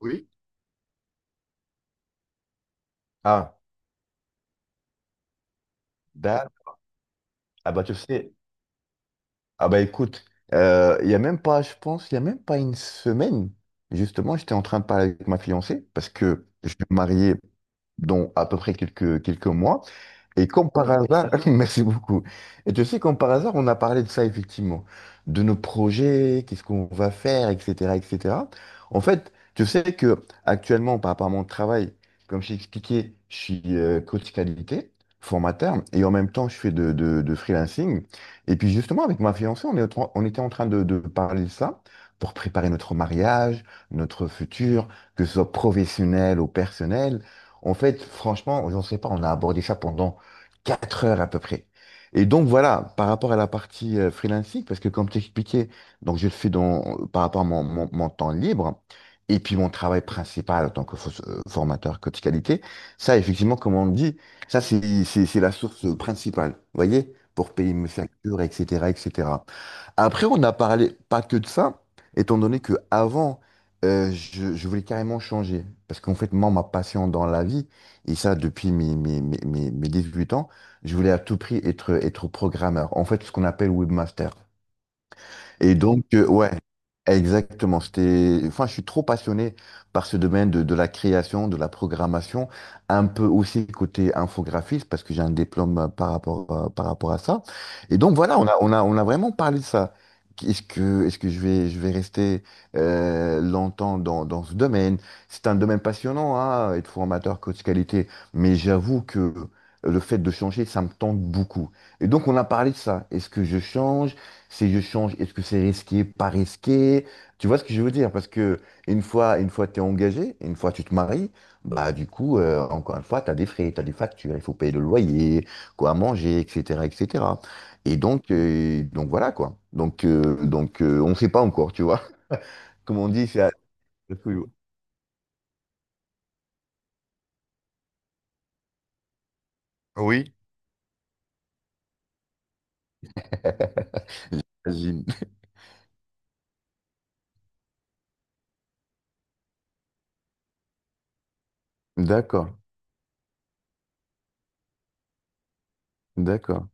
Oui. Ah, d'accord. Ah bah tu sais, ah bah écoute, il y a même pas, je pense, il y a même pas une semaine, justement, j'étais en train de parler avec ma fiancée parce que je vais me marier dans à peu près quelques mois. Et comme par hasard, merci beaucoup. Et tu sais, comme par hasard, on a parlé de ça effectivement, de nos projets, qu'est-ce qu'on va faire, etc., etc. En fait, tu sais que actuellement, par rapport à mon travail, comme je t'ai expliqué, je suis coach qualité, formateur, et en même temps, je fais de freelancing. Et puis justement, avec ma fiancée, on était en train de parler de ça pour préparer notre mariage, notre futur, que ce soit professionnel ou personnel. En fait, franchement, j'en sais pas, on a abordé ça pendant 4 heures à peu près. Et donc voilà, par rapport à la partie freelancing, parce que comme t'expliquais, donc je le fais dans, par rapport à mon temps libre, et puis mon travail principal en tant que formateur coach qualité, ça effectivement, comme on dit, ça c'est la source principale, vous voyez, pour payer mes factures, etc., etc. Après, on n'a parlé pas que de ça, étant donné que avant, je voulais carrément changer. Parce qu'en fait, moi, ma passion dans la vie, et ça depuis mes 18 ans, je voulais à tout prix être programmeur. En fait, ce qu'on appelle webmaster. Et donc, ouais, exactement. Enfin, je suis trop passionné par ce domaine de la création, de la programmation, un peu aussi côté infographiste, parce que j'ai un diplôme par rapport à ça. Et donc, voilà, on a vraiment parlé de ça. Est-ce que je vais rester longtemps dans ce domaine? C'est un domaine passionnant, hein, être formateur, coach qualité, mais j'avoue que le fait de changer, ça me tente beaucoup. Et donc, on a parlé de ça. Est-ce que je change? Ces je change. Est-ce que c'est risqué, pas risqué? Tu vois ce que je veux dire? Parce que une fois t'es engagé, une fois tu te maries, bah du coup, encore une fois, t'as des frais, t'as des factures, il faut payer le loyer, quoi à manger, etc., etc. Et cetera. Et donc, donc voilà quoi. On ne sait pas encore, tu vois. Comme on dit, c'est à... le couillou. Oui. J'imagine. D'accord, d'accord,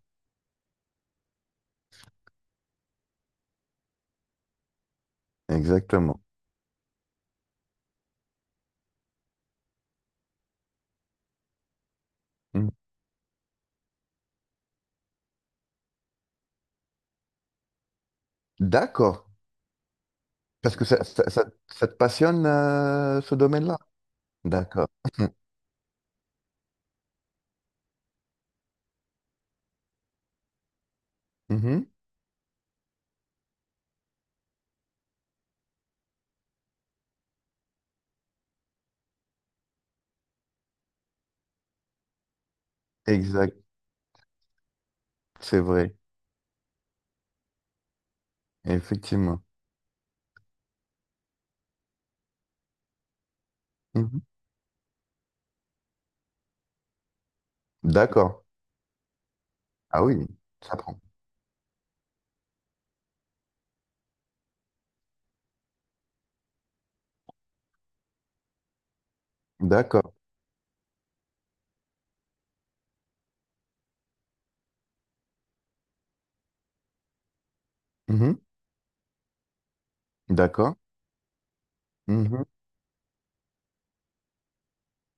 exactement. Mm. D'accord. Parce que ça te passionne ce domaine-là? D'accord. Mhm. Exact, c'est vrai, effectivement. Mhm. D'accord. Ah oui, ça prend. D'accord. Mhm. D'accord. Mhm.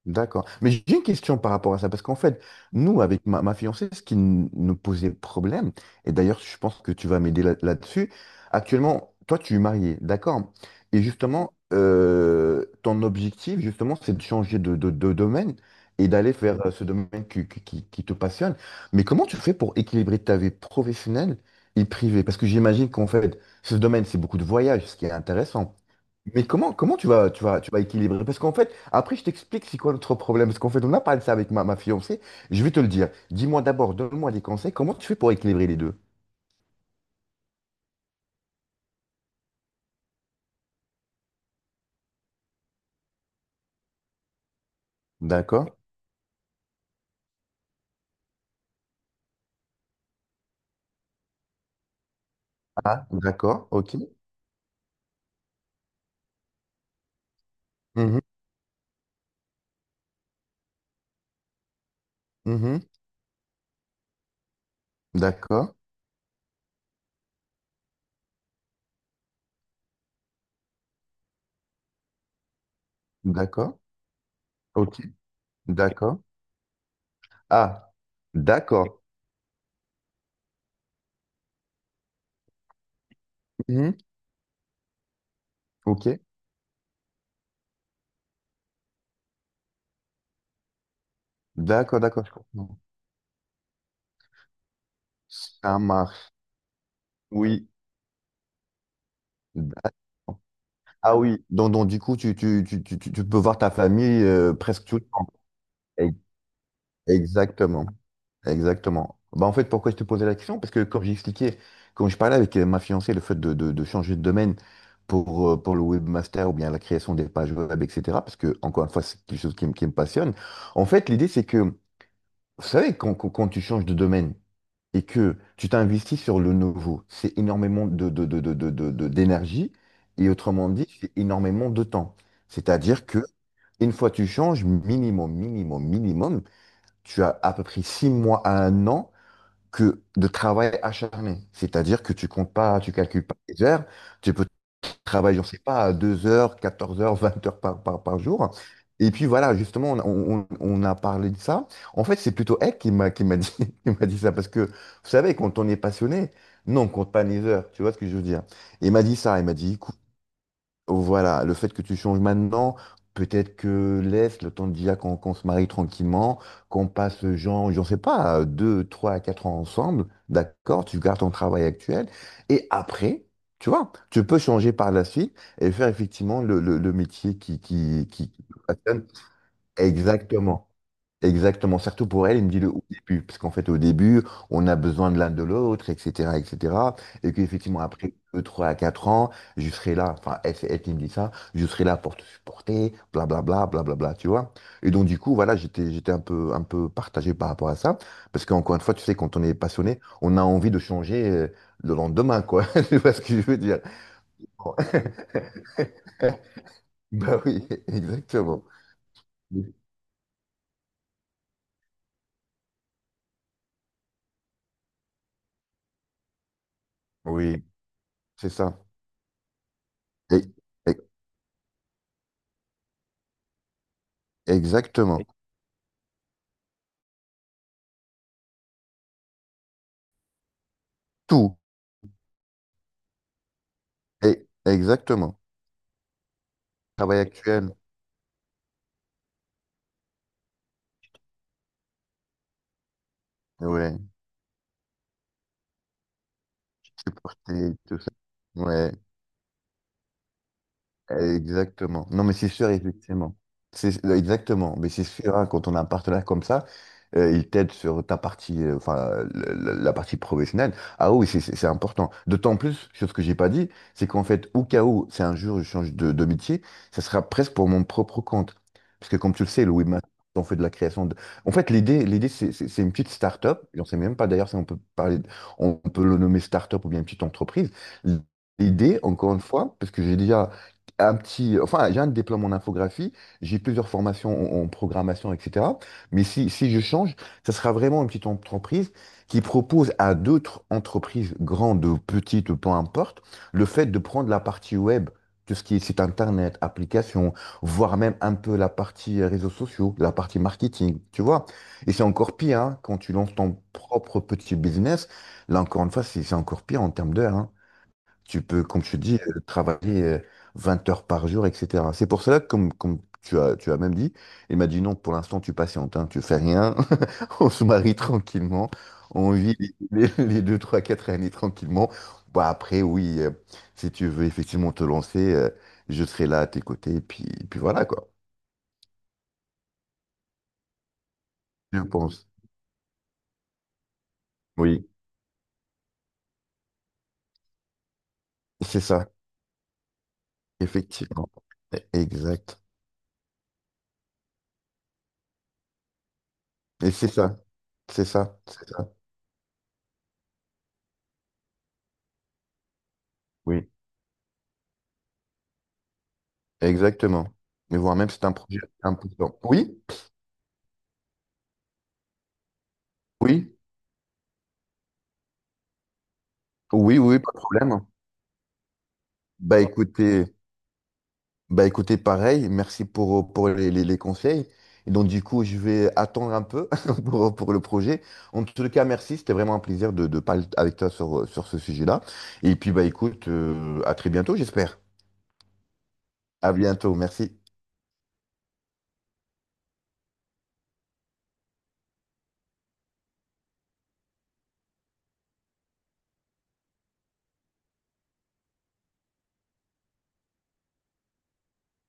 D'accord. Mais j'ai une question par rapport à ça, parce qu'en fait, nous, avec ma fiancée, ce qui nous posait problème, et d'ailleurs, je pense que tu vas m'aider là-dessus, actuellement, toi, tu es marié, d'accord? Et justement, ton objectif, justement, c'est de changer de domaine et d'aller vers ce domaine qui te passionne. Mais comment tu fais pour équilibrer ta vie professionnelle et privée? Parce que j'imagine qu'en fait, ce domaine, c'est beaucoup de voyages, ce qui est intéressant. Mais comment tu vas équilibrer? Parce qu'en fait, après, je t'explique c'est quoi notre problème. Parce qu'en fait, on a parlé de ça avec ma fiancée. Je vais te le dire. Dis-moi d'abord, donne-moi des conseils. Comment tu fais pour équilibrer les deux? D'accord. Ah, d'accord. OK. Mhm, mhm. D'accord. D'accord. OK. D'accord. Ah, d'accord. Mhm, OK. D'accord, d'accord. Je comprends. Ça marche. Oui. D'accord. Ah oui. Donc, du coup, tu peux voir ta famille presque tout le temps. E- Exactement. Exactement. Bah, en fait, pourquoi je te posais la question? Parce que comme j'expliquais, quand je parlais avec ma fiancée, le fait de changer de domaine pour le webmaster ou bien la création des pages web, etc., parce que, encore une fois, c'est quelque chose qui me passionne. En fait, l'idée, c'est que, vous savez, quand tu changes de domaine et que tu t'investis sur le nouveau, c'est énormément d'énergie et autrement dit, c'est énormément de temps. C'est-à-dire que une fois tu changes, minimum, minimum, minimum, tu as à peu près 6 mois à un an que de travail acharné. C'est-à-dire que tu comptes pas, tu calcules pas les heures, tu peux travailler, je sais pas, 2 heures, 14 heures, 20 heures par jour. Et puis voilà, justement, on a parlé de ça. En fait, c'est plutôt elle qui m'a dit, qui m'a dit ça. Parce que, vous savez, quand on est passionné, non, on compte pas les heures. Tu vois ce que je veux dire? Et il m'a dit ça. Il m'a dit, écoute, voilà, le fait que tu changes maintenant, peut-être que laisse le temps déjà qu'on se marie tranquillement, qu'on passe, genre, j'en sais pas, 2, 3, 4 ans ensemble, d'accord, tu gardes ton travail actuel, et après, tu vois, tu peux changer par la suite et faire effectivement le métier qui te passionne. Exactement. Exactement, surtout pour elle, il me dit le au début, parce qu'en fait au début, on a besoin de l'un de l'autre, etc., etc., et cetera, et qu'effectivement après 2, 3 à 4 ans, je serai là, enfin elle, c'est elle qui me dit ça, je serai là pour te supporter, blablabla, blablabla, tu vois. Et donc du coup, voilà, j'étais un peu partagé par rapport à ça, parce qu'encore une fois, tu sais, quand on est passionné, on a envie de changer le lendemain, quoi, tu vois ce que je veux dire. Bon. Bah oui, exactement. Oui, c'est ça. E- e- Exactement. Tout, et, exactement. Travail actuel. Ouais. Supporter tout ça. Ouais. Exactement. Non, mais c'est sûr, effectivement. C'est Exactement. Mais c'est sûr, hein, quand on a un partenaire comme ça, il t'aide sur ta partie, enfin, la partie professionnelle. Ah oui, c'est important. D'autant plus, sur ce que j'ai pas dit, c'est qu'en fait, au cas où, c'est un jour, je change de métier, ça sera presque pour mon propre compte. Parce que comme tu le sais, le webmaster, on fait de la création de... En fait, l'idée, l'idée, c'est une petite start-up. J'en sais même pas d'ailleurs si on peut parler, de- on peut le nommer start-up ou bien une petite entreprise. L'idée, encore une fois, parce que j'ai déjà un petit, enfin, j'ai un diplôme en infographie, j'ai plusieurs formations en programmation, etc. Mais si, si je change, ça sera vraiment une petite entreprise qui propose à d'autres entreprises, grandes ou petites, peu importe, le fait de prendre la partie web, tout ce qui est site internet, application, voire même un peu la partie réseaux sociaux, la partie marketing, tu vois. Et c'est encore pire, hein, quand tu lances ton propre petit business. Là, encore une fois, c'est encore pire en termes d'heures. Tu peux, comme je te dis, travailler 20 heures par jour, etc. C'est pour cela que, comme, comme tu as même dit, il m'a dit non, pour l'instant, tu patientes, hein, tu fais rien, on se marie tranquillement, on vit les 2, 3, 4 années tranquillement. Bah, après, oui, si tu veux effectivement te lancer, je serai là à tes côtés, et puis voilà, quoi. Je pense. Oui, c'est ça, effectivement. Exact. Et c'est ça, c'est ça, c'est ça. Oui. Exactement. Mais voire même, c'est un projet important. Oui, oui, oui, oui, pas de problème. Bah écoutez, bah écoutez, pareil, merci pour les conseils. Et donc du coup, je vais attendre un peu pour le projet. En tout cas, merci, c'était vraiment un plaisir de parler avec toi sur ce sujet-là. Et puis bah écoute, à très bientôt, j'espère. À bientôt, merci.